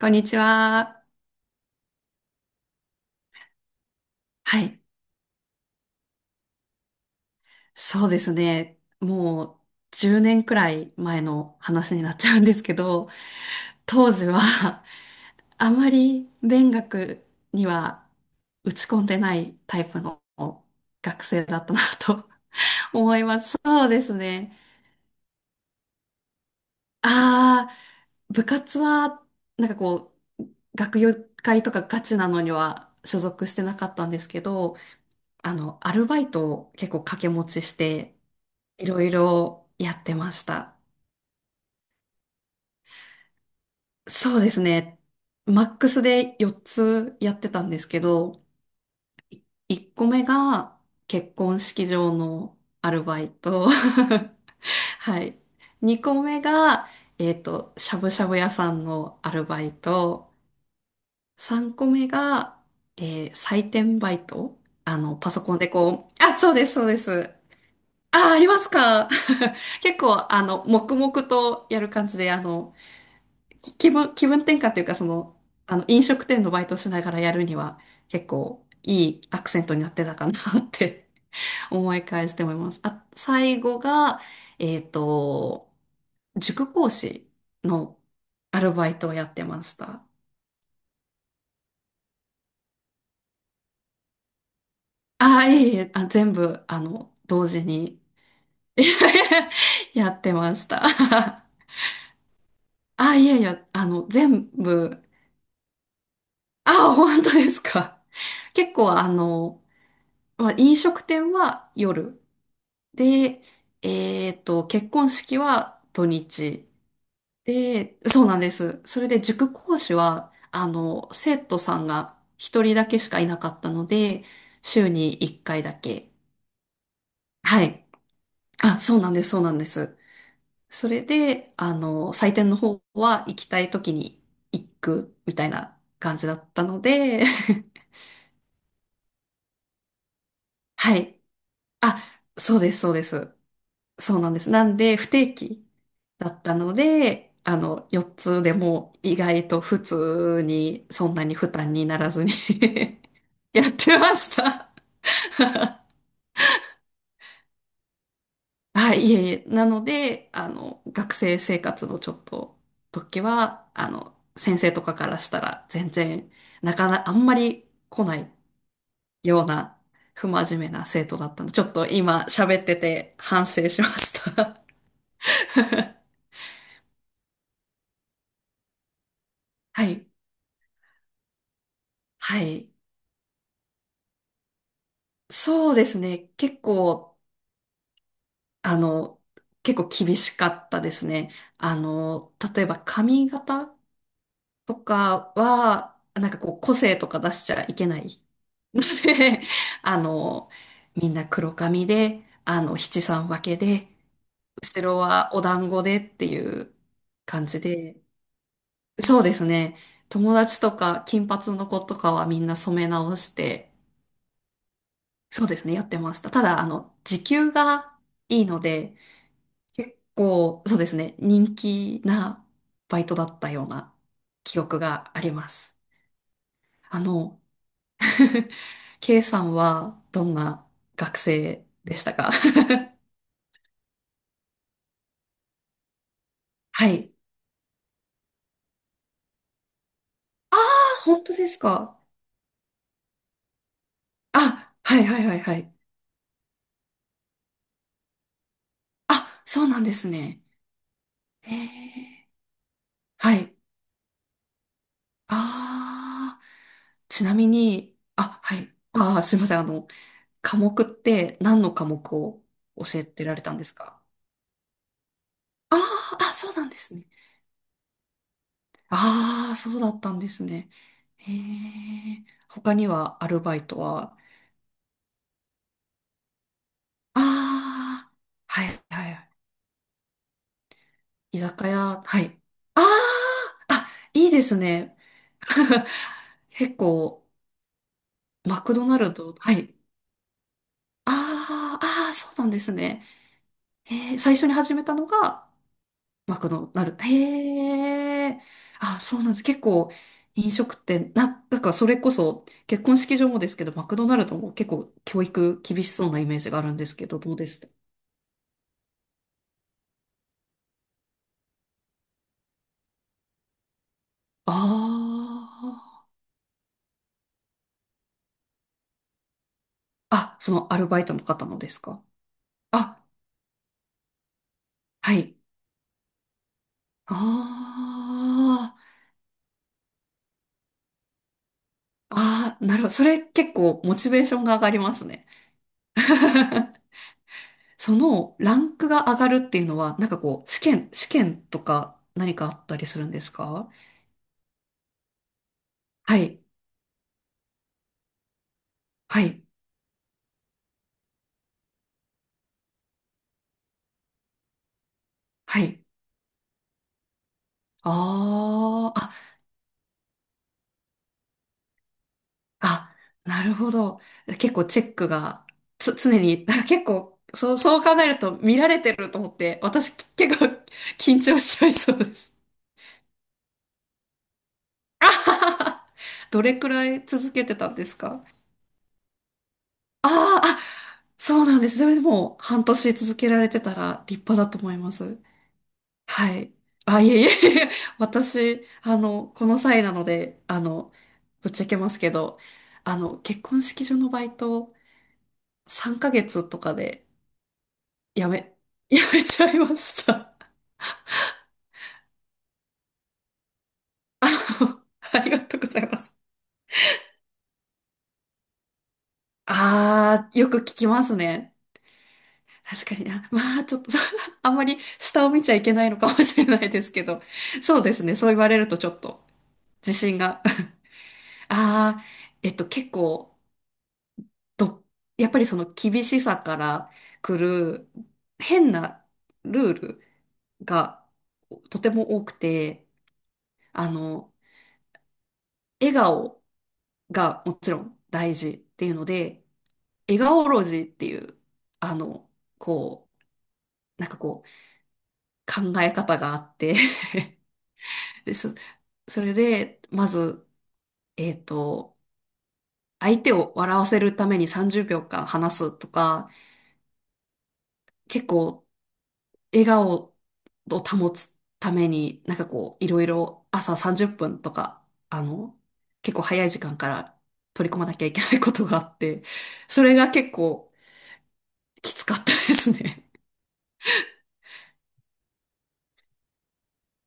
こんにちは。はい。そうですね。もう10年くらい前の話になっちゃうんですけど、当時は あまり勉学には打ち込んでないタイプの学生だったなと 思います。そうですね。ああ、部活はなんかこ学友会とかガチなのには所属してなかったんですけど、アルバイトを結構掛け持ちして、いろいろやってました。そうですね。マックスで4つやってたんですけど、1個目が結婚式場のアルバイト。はい。2個目が、しゃぶしゃぶ屋さんのアルバイト。3個目が、採点バイト。パソコンでこう、あ、そうです、そうです。あ、ありますか？ 結構、黙々とやる感じで、気分転換というか、飲食店のバイトしながらやるには、結構いいアクセントになってたかなって 思い返して思います。あ、最後が、えっと、塾講師のアルバイトをやってました。ああ、いえいえ、あ、全部、同時に やってました。あ、いやいや、あの、全部、あ、本当ですか。結構、まあ、飲食店は夜。で、結婚式は土日。で、そうなんです。それで塾講師は、生徒さんが一人だけしかいなかったので、週に一回だけ。はい。あ、そうなんです、そうなんです。それで、採点の方は行きたい時に行くみたいな感じだったので、はい。あ、そうです、そうです。そうなんです。なんで、不定期だったので、4つでも意外と普通に、そんなに負担にならずに やってました。はい、いえいえ。なので、学生生活のちょっと時は、先生とかからしたら全然、なかなかあんまり来ないような不真面目な生徒だったので、ちょっと今喋ってて反省しました。 はい、はい。そうですね。結構、あの、結構厳しかったですね。例えば髪型とかは、個性とか出しちゃいけないので、あの、みんな黒髪で、七三分けで、後ろはお団子でっていう感じで、そうですね。友達とか金髪の子とかはみんな染め直して、そうですね、やってました。ただ、時給がいいので、結構、そうですね、人気なバイトだったような記憶があります。あの、K さんはどんな学生でしたか？ はい。ああ、本当ですか。あ、はいはいはいはい。あ、そうなんですね。へえ。はい。ああ、ちなみに、あ、はい。ああ、すいません。科目って何の科目を教えてられたんですか？ああー、あ、そうなんですね。ああ、そうだったんですね。へえ。他にはアルバイトは、ああ、はい、はいはい。居酒屋、はい。ああ、あ、いいですね。結構、マクドナルド、はい。ああ、ああ、そうなんですね。えー、最初に始めたのが、まあ、この、なる。へえ。あ、そうなんです。結構、飲食店、なんかそれこそ、結婚式場もですけど、マクドナルドも結構教育厳しそうなイメージがあるんですけど、どうでした？ああー。あ、そのアルバイトの方のですか？あ、はい。ああ。ああ、なるほど。それ結構モチベーションが上がりますね。そのランクが上がるっていうのは、試験とか何かあったりするんですか？はい。はい。はい。ああ、あ、あ、なるほど。結構チェックが、常に、なんか結構、そう考えると見られてると思って、私 結構緊張しちゃいそうです。どれくらい続けてたんですか？あああ、そうなんです。それでもう半年続けられてたら立派だと思います。はい。あ、いえいえいえ、私、この際なので、ぶっちゃけますけど、結婚式場のバイト3ヶ月とかでやめ、やめちゃいました。あの、ありがとうございます。あー、よく聞きますね。確かにな。まあ、ちょっと、あんまり下を見ちゃいけないのかもしれないですけど。そうですね。そう言われるとちょっと自信が。あー、結構、ど、やっぱりその厳しさから来る変なルールがとても多くて、あの、笑顔がもちろん大事っていうので、笑顔ロジーっていう、あの、こう、なんかこう、考え方があって で、それで、まず、えっと、相手を笑わせるために30秒間話すとか、結構、笑顔を保つために、いろいろ朝30分とか、結構早い時間から取り込まなきゃいけないことがあって、それが結構きつかったですね。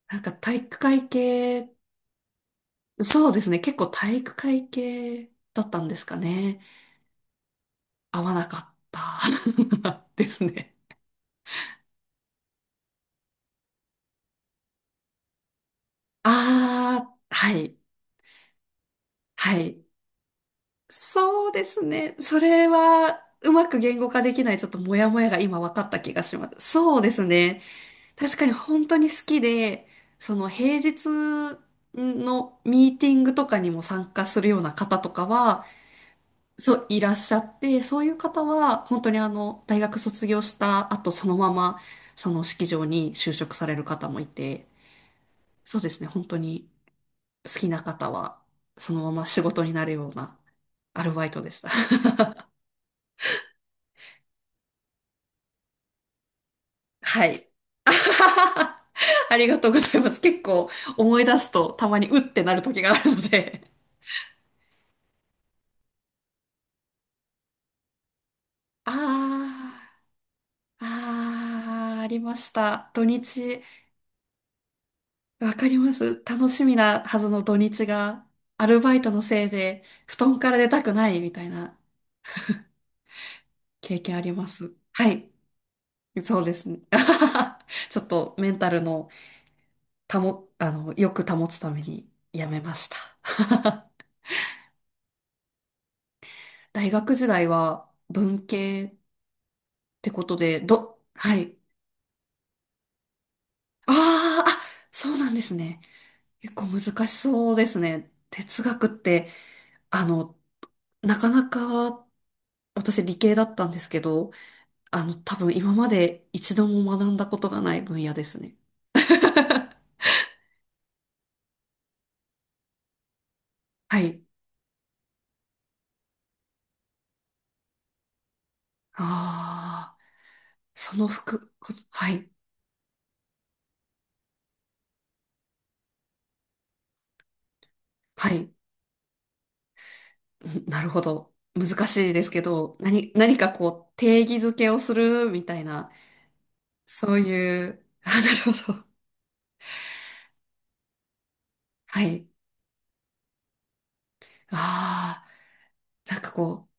なんか体育会系、そうですね。結構体育会系だったんですかね。合わなかった ですね。ああ、はい、はい。そうですね。それは、うまく言語化できないちょっとモヤモヤが今分かった気がします。そうですね。確かに本当に好きで、その平日のミーティングとかにも参加するような方とかは、そう、いらっしゃって、そういう方は、本当に大学卒業した後、そのまま、その式場に就職される方もいて、そうですね、本当に好きな方は、そのまま仕事になるようなアルバイトでした。はい。ありがとうございます。結構思い出すとたまにうってなる時があるので。ああ、ああ、ありました。土日。わかります。楽しみなはずの土日が、アルバイトのせいで、布団から出たくないみたいな経験あります。はい。そうですね。ちょっとメンタルの保、あの、よく保つためにやめました。大学時代は文系ってことで、はい。あーあ、そうなんですね。結構難しそうですね。哲学って、あの、なかなか私理系だったんですけど、多分今まで一度も学んだことがない分野ですね。はい。ああ、その服、こはい。はい。うんなるほど。難しいですけど、何かこう、定義づけをするみたいな、そういう、あ、なるほど。はい。ああ、なんかこ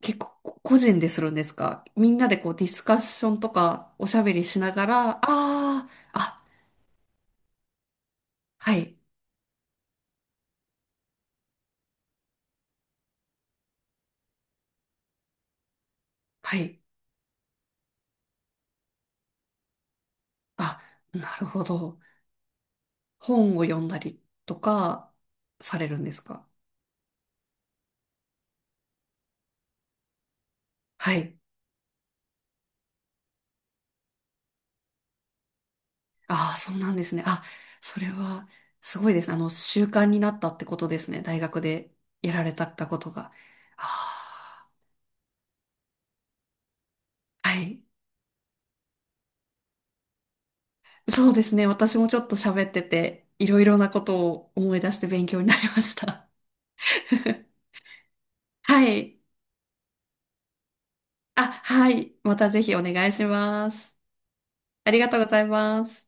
う、結構個人でするんですか？みんなでこう、ディスカッションとか、おしゃべりしながら、ああ、あ、はい、はい。あ、なるほど。本を読んだりとかされるんですか？はい。ああ、そうなんですね。あ、それはすごいですね。習慣になったってことですね。大学でやられたことが。ああ、はい。そうですね。私もちょっと喋ってて、いろいろなことを思い出して勉強になりました。はい。あ、はい。またぜひお願いします。ありがとうございます。